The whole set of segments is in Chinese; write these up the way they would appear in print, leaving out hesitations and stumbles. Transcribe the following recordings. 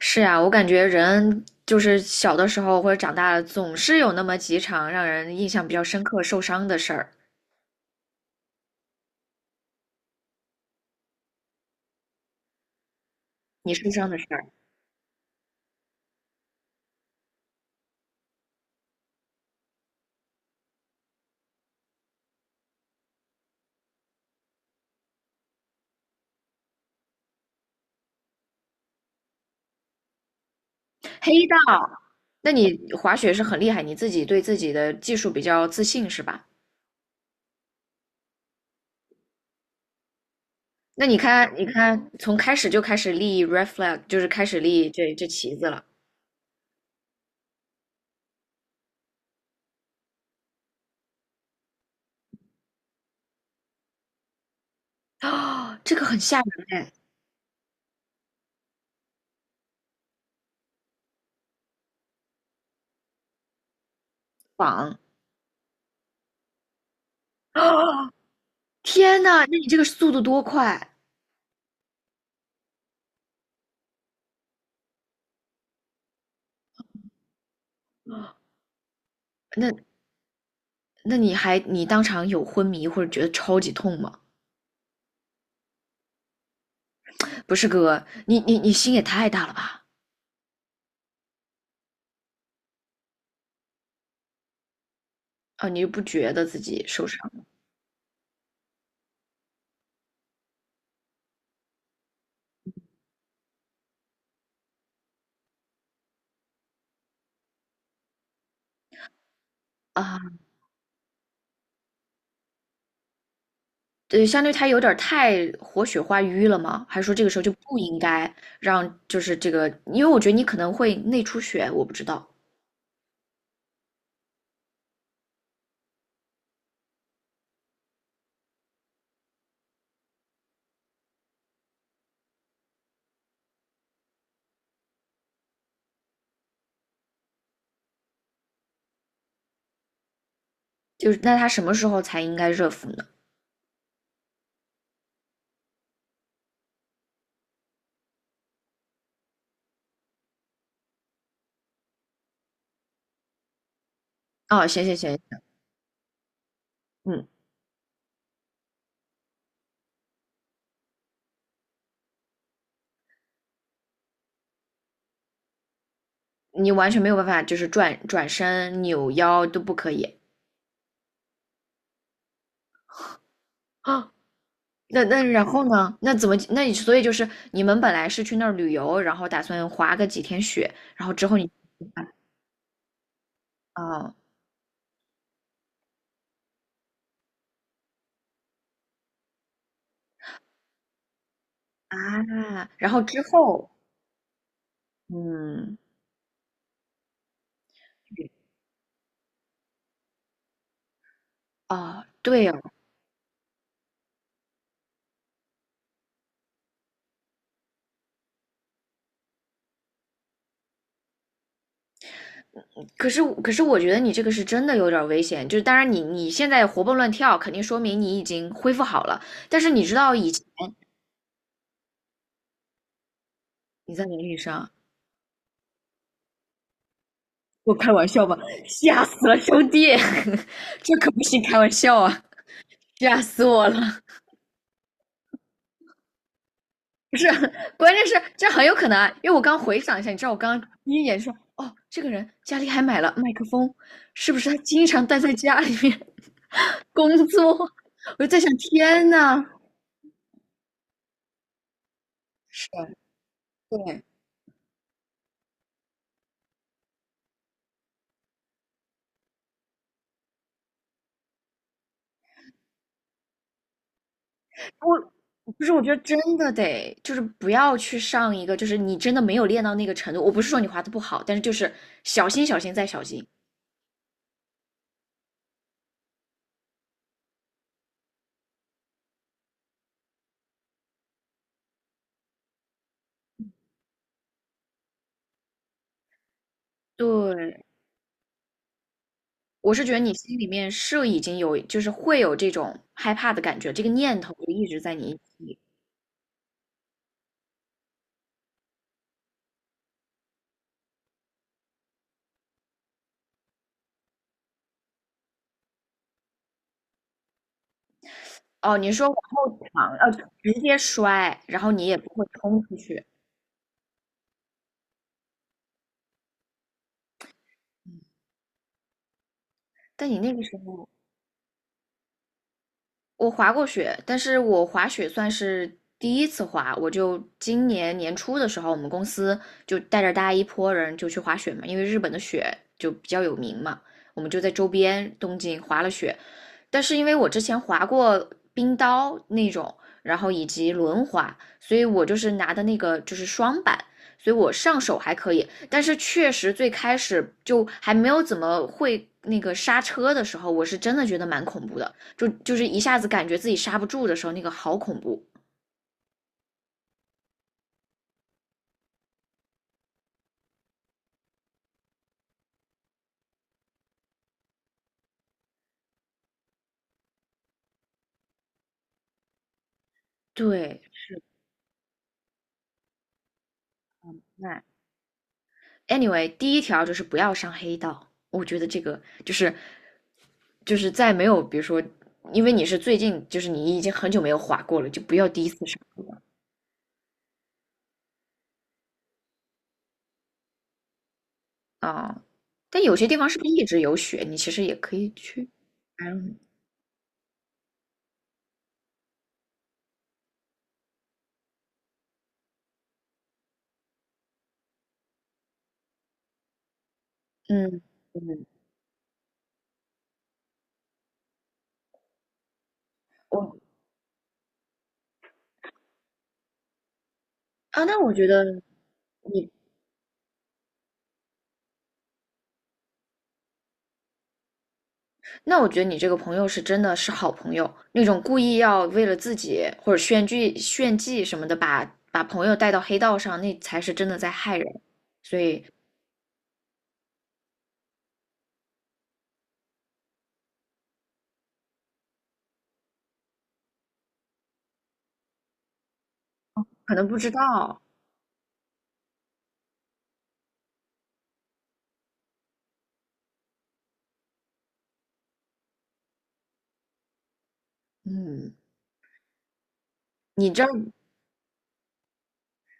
是啊，我感觉人就是小的时候或者长大了，总是有那么几场让人印象比较深刻、受伤的事儿。你受伤的事儿，黑道，那你滑雪是很厉害，你自己对自己的技术比较自信是吧？那你看，你看，从开始就开始立 r e flag，就是开始立这旗子了。啊、这个很吓人哎，绑啊！天呐，那你这个速度多快？那那你还你当场有昏迷或者觉得超级痛吗？不是哥，你心也太大了吧？啊，你不觉得自己受伤了啊？对，相对他有点太活血化瘀了吗？还是说这个时候就不应该让，就是这个，因为我觉得你可能会内出血，我不知道，就是那他什么时候才应该热敷呢？哦，行行行，嗯，你完全没有办法，就是转转身、扭腰都不可以啊。那那然后呢？那怎么？那你所以就是你们本来是去那儿旅游，然后打算滑个几天雪啊，啊，然后之后，嗯，啊，对，可是我觉得你这个是真的有点儿危险，就是当然你现在活蹦乱跳，肯定说明你已经恢复好了，但是你知道以前你在轮椅上，我开玩笑吧，吓死了兄弟，这可不是开玩笑啊，吓死我了，不是，关键是这很有可能啊，因为我刚回想一下，你知道我刚刚第一眼说，哦，这个人家里还买了麦克风，是不是他经常待在家里面 工作？我就在想，天呐，是，对，我不是，我觉得真的得就是不要去上一个，就是你真的没有练到那个程度。我不是说你滑的不好，但是就是小心、小心再小心。对，我是觉得你心里面是已经有，就是会有这种害怕的感觉，这个念头就一直在你心里。哦，你说往后躺，直接摔，然后你也不会冲出去。但你那个时候，我滑过雪，但是我滑雪算是第一次滑，我就今年年初的时候，我们公司就带着大家一波人就去滑雪嘛，因为日本的雪就比较有名嘛，我们就在周边东京滑了雪，但是因为我之前滑过冰刀那种，然后以及轮滑，所以我就是拿的那个就是双板，所以我上手还可以。但是确实最开始就还没有怎么会那个刹车的时候，我是真的觉得蛮恐怖的，就是一下子感觉自己刹不住的时候，那个好恐怖。对，哎 Anyway，第一条就是不要上黑道，我觉得这个就是在没有，比如说，因为你是最近，就是你已经很久没有滑过了，就不要第一次上啊。但有些地方是不是一直有雪？你其实也可以去。嗯嗯嗯，我啊，那我觉得你，那我觉得你这个朋友是真的是好朋友，那种故意要为了自己或者炫技炫技什么的，把朋友带到黑道上，那才是真的在害人。所以可能不知道。嗯，你这儿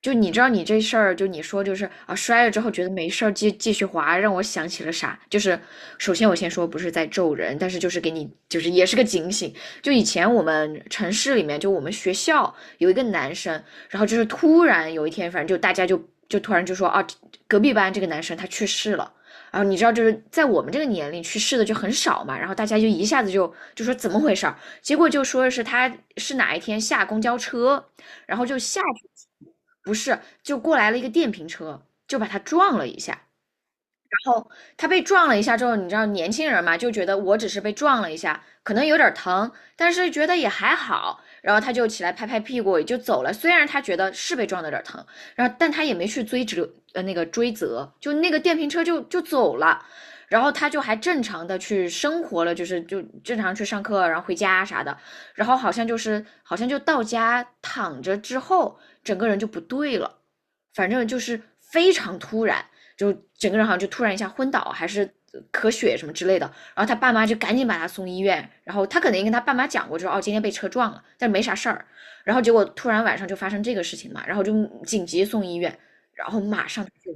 就你知道你这事儿，就你说就是啊，摔了之后觉得没事儿，继续滑，让我想起了啥？就是首先我先说不是在咒人，但是就是给你就是也是个警醒。就以前我们城市里面，就我们学校有一个男生，然后就是突然有一天，反正就大家就突然就说啊，隔壁班这个男生他去世了。然后你知道，就是在我们这个年龄去世的就很少嘛，然后大家就一下子就说怎么回事儿，结果就说是他是哪一天下公交车，然后就下去。不是，就过来了一个电瓶车，就把他撞了一下。后他被撞了一下之后，你知道年轻人嘛，就觉得我只是被撞了一下，可能有点疼，但是觉得也还好。然后他就起来拍拍屁股也就走了。虽然他觉得是被撞的有点疼，然后但他也没去追责，那个追责，就那个电瓶车就走了。然后他就还正常的去生活了，就是就正常去上课，然后回家啥的。然后好像就是好像就到家躺着之后，整个人就不对了，反正就是非常突然。就整个人好像就突然一下昏倒，还是咳血什么之类的。然后他爸妈就赶紧把他送医院，然后他可能跟他爸妈讲过，就说哦今天被车撞了，但是没啥事儿。然后结果突然晚上就发生这个事情嘛，然后就紧急送医院，然后马上就，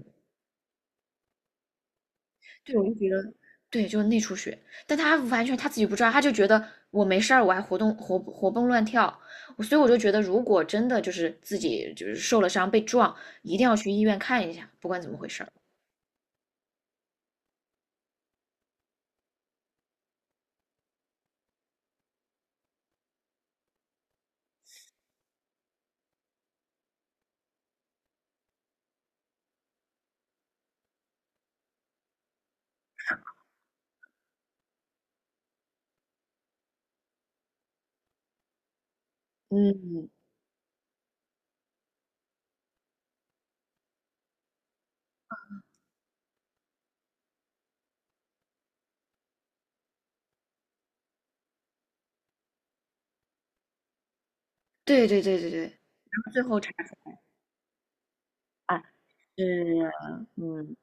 对，我就觉得。对，就是内出血，但他完全他自己不知道，他就觉得我没事儿，我还活活蹦乱跳，所以我就觉得，如果真的就是自己就是受了伤被撞，一定要去医院看一下，不管怎么回事儿对对对对对，然后最后查出，来。嗯嗯，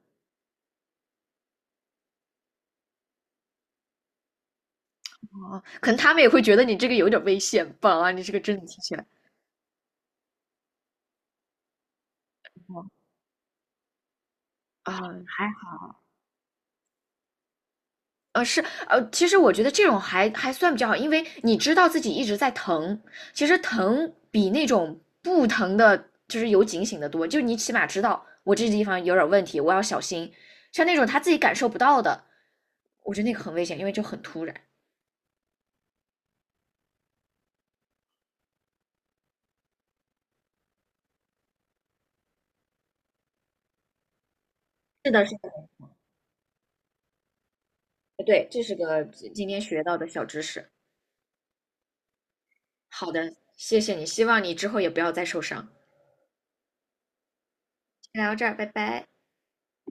哦，可能他们也会觉得你这个有点危险吧？啊你这个真的听起来，哦啊，还好，呃，是，其实我觉得这种还算比较好，因为你知道自己一直在疼，其实疼比那种不疼的，就是有警醒的多，就你起码知道我这地方有点问题，我要小心。像那种他自己感受不到的，我觉得那个很危险，因为就很突然。是的，是的，对，这是个今天学到的小知识。好的，谢谢你，希望你之后也不要再受伤。聊到这儿，拜拜。